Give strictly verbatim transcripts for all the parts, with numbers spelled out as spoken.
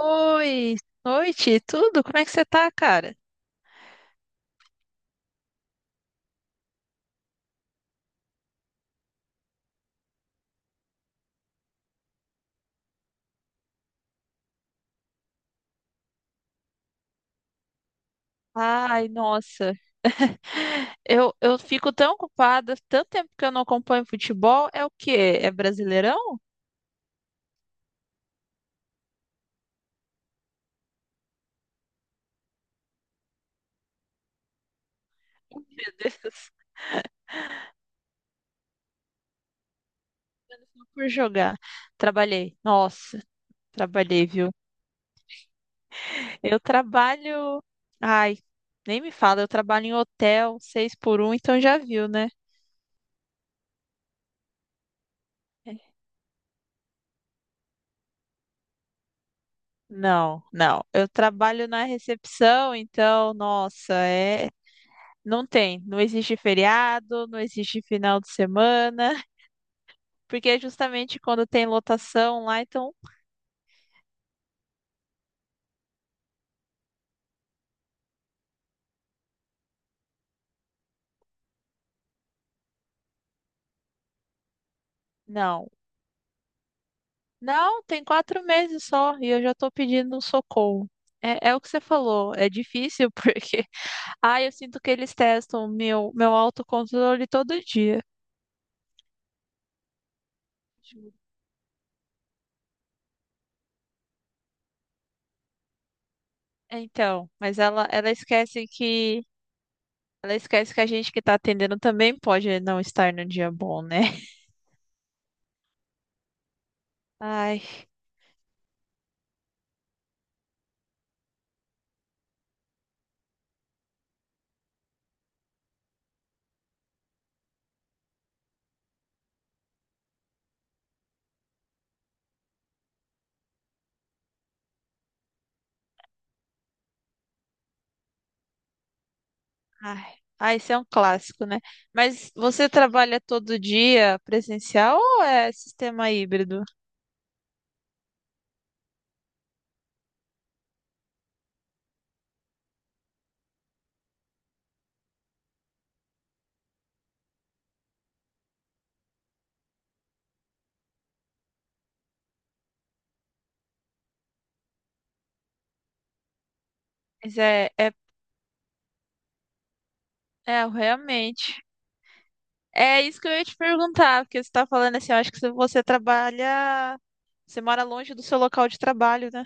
Oi, noite, tudo? Como é que você tá, cara? Ai, nossa. Eu, eu fico tão ocupada, tanto tempo que eu não acompanho futebol. É o quê? É Brasileirão? Meu Deus, só por jogar. Trabalhei. Nossa, trabalhei, viu? Eu trabalho. Ai, nem me fala, eu trabalho em hotel, seis por um, então já viu, né? É. Não, não. Eu trabalho na recepção, então, nossa, é. Não tem, não existe feriado, não existe final de semana, porque é justamente quando tem lotação lá, então não. Não, tem quatro meses só e eu já tô pedindo um socorro. É, é o que você falou, é difícil porque, ah, eu sinto que eles testam meu meu autocontrole todo dia. Juro. Então, mas ela ela esquece que ela esquece que a gente que tá atendendo também pode não estar no dia bom, né? Ai. Ai, ah, esse é um clássico, né? Mas você trabalha todo dia presencial ou é sistema híbrido? Mas é, é, é realmente. É isso que eu ia te perguntar, porque você está falando assim, eu acho que se você trabalha, você mora longe do seu local de trabalho, né?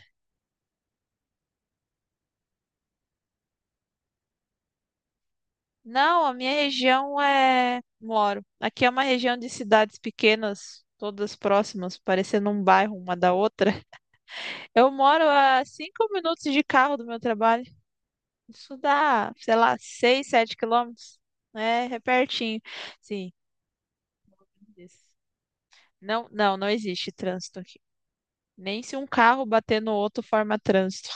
Não, a minha região é. Moro. Aqui é uma região de cidades pequenas, todas próximas, parecendo um bairro uma da outra. Eu moro a cinco minutos de carro do meu trabalho. Isso dá, sei lá, seis, sete quilômetros. É, é pertinho. Sim. Isso. Não, não, não existe trânsito aqui. Nem se um carro bater no outro forma trânsito.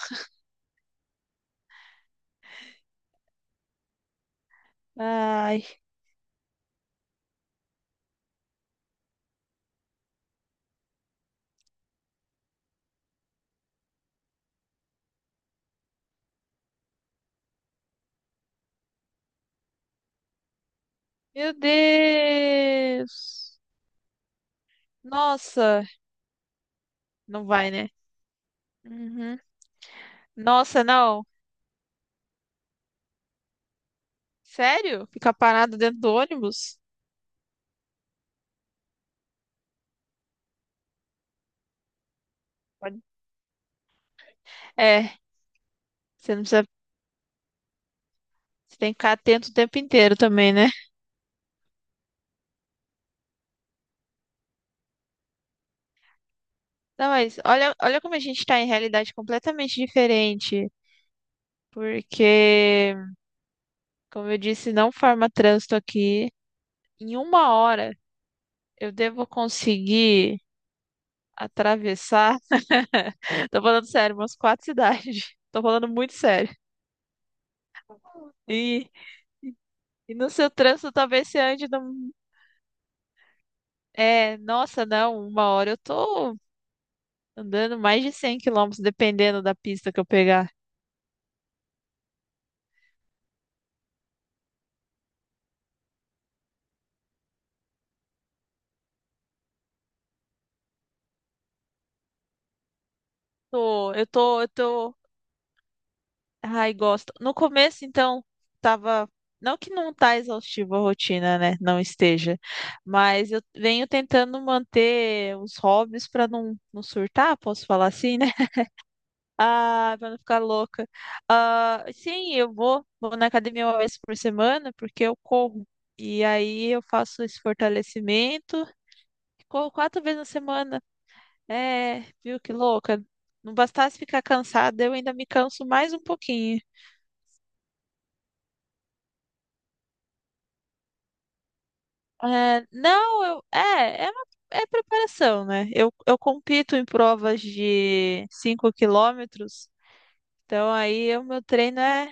Ai, meu Deus! Nossa, não vai, né? Uhum. Nossa, não. Sério? Ficar parado dentro do ônibus? Pode- É, você não precisa. Você tem que ficar atento o tempo inteiro também, né? Não, mas olha, olha como a gente tá em realidade completamente diferente. Porque como eu disse, não forma trânsito aqui. Em uma hora eu devo conseguir atravessar. Tô falando sério, umas quatro cidades. Tô falando muito sério. E, e no seu trânsito talvez você ande num... É, nossa, não, uma hora eu tô andando mais de cem quilômetros, dependendo da pista que eu pegar. Tô, eu tô, eu tô Ai, gosto. No começo, então, tava. Não que não tá exaustiva a rotina, né? Não esteja. Mas eu venho tentando manter os hobbies para não, não surtar, posso falar assim, né? Ah, para não ficar louca. Ah, sim, eu vou, vou na academia uma vez por semana, porque eu corro. E aí eu faço esse fortalecimento. Corro quatro vezes na semana. É, viu que louca? Não bastasse ficar cansada, eu ainda me canso mais um pouquinho. É, não, eu, é, é, uma- é preparação, né? Eu, eu compito em provas de cinco quilômetros, então aí o meu treino é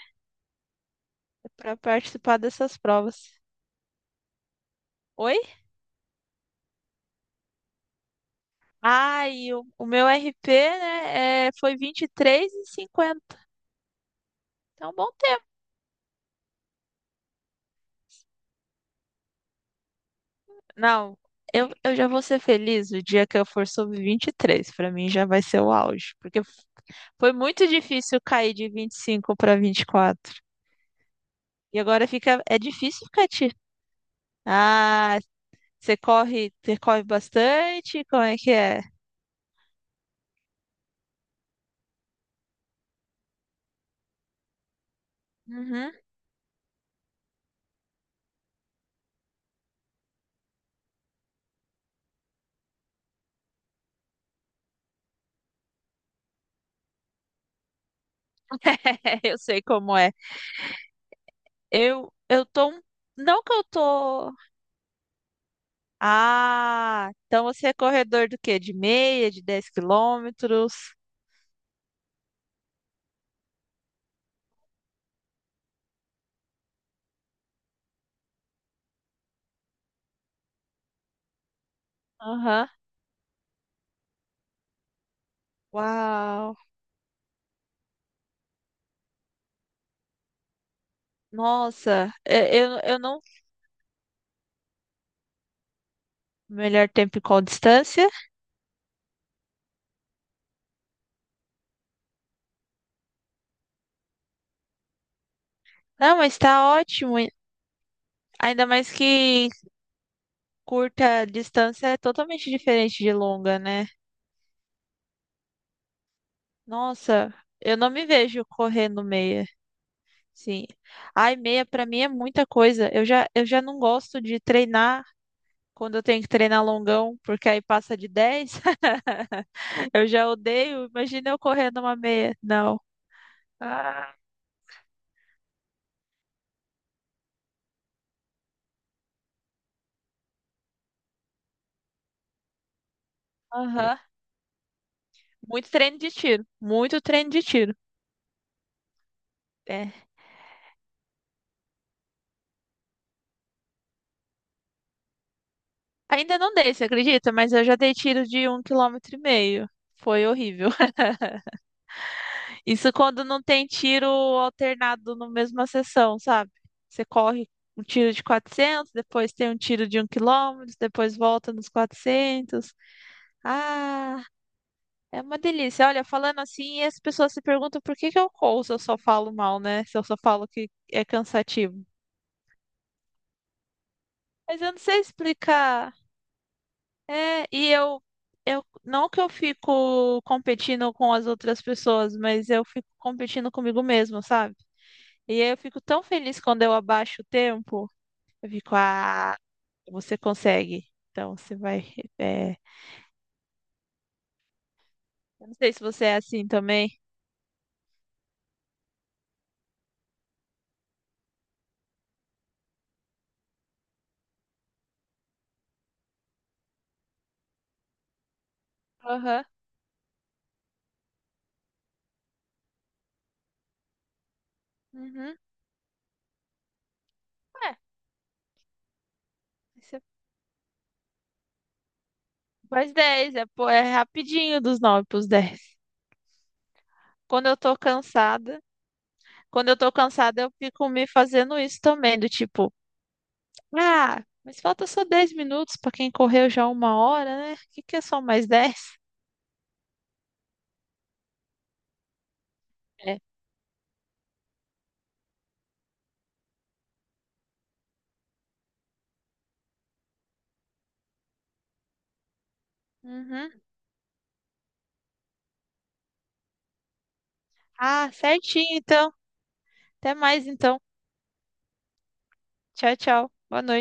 para participar dessas provas. Oi? Ah, e o, o meu R P, né, é, foi vinte e e três e cinquenta. Então, bom tempo. Não, eu, eu já vou ser feliz o dia que eu for sub vinte e três. Para mim já vai ser o auge, porque foi muito difícil cair de vinte e cinco para vinte e quatro. E quatro. E agora fica, é difícil ficar tirando. Ah, Você corre, você corre bastante? Como é que é? Uhum. Eu sei como é. Eu, eu tô. um- Não que eu tô. Ah, então você é corredor do quê? De meia, de dez quilômetros? Aham. Uau. Nossa, é, eu, eu não. Melhor tempo e qual distância? Não, mas tá ótimo. e- Ainda mais que curta distância é totalmente diferente de longa, né? Nossa, eu não me vejo correndo meia. Sim. Ai, meia pra mim é muita coisa. Eu já, eu já não gosto de treinar quando eu tenho que treinar longão, porque aí passa de dez. Eu já odeio. Imagina eu correndo uma meia. Não. Ah, aham. Muito treino de tiro. Muito treino de tiro. É. Ainda não dei, você acredita? Mas eu já dei tiro de um quilômetro e meio. Foi horrível. Isso quando não tem tiro alternado na mesma sessão, sabe? Você corre um tiro de quatrocentos, depois tem um tiro de um quilômetro, depois volta nos quatrocentos. Ah, é uma delícia. Olha, falando assim, as pessoas se perguntam por que que eu corro se eu só falo mal, né? Se eu só falo que é cansativo. Mas eu não sei explicar. É, e eu, eu não que eu fico competindo com as outras pessoas, mas eu fico competindo comigo mesmo, sabe? E aí eu fico tão feliz quando eu abaixo o tempo. Eu fico, ah, você consegue. Então você vai. é, Eu não sei se você é assim também. Aham. Uhum. É, você faz dez é, pô, é rapidinho dos nove pros dez. Quando eu tô cansada, quando eu tô cansada, eu fico me fazendo isso também, do tipo, ah, mas falta só dez minutos pra quem correu já uma hora, né? O que que é só mais dez. É. Uhum. Ah, certinho então. Até mais então. Tchau, tchau. Boa noite.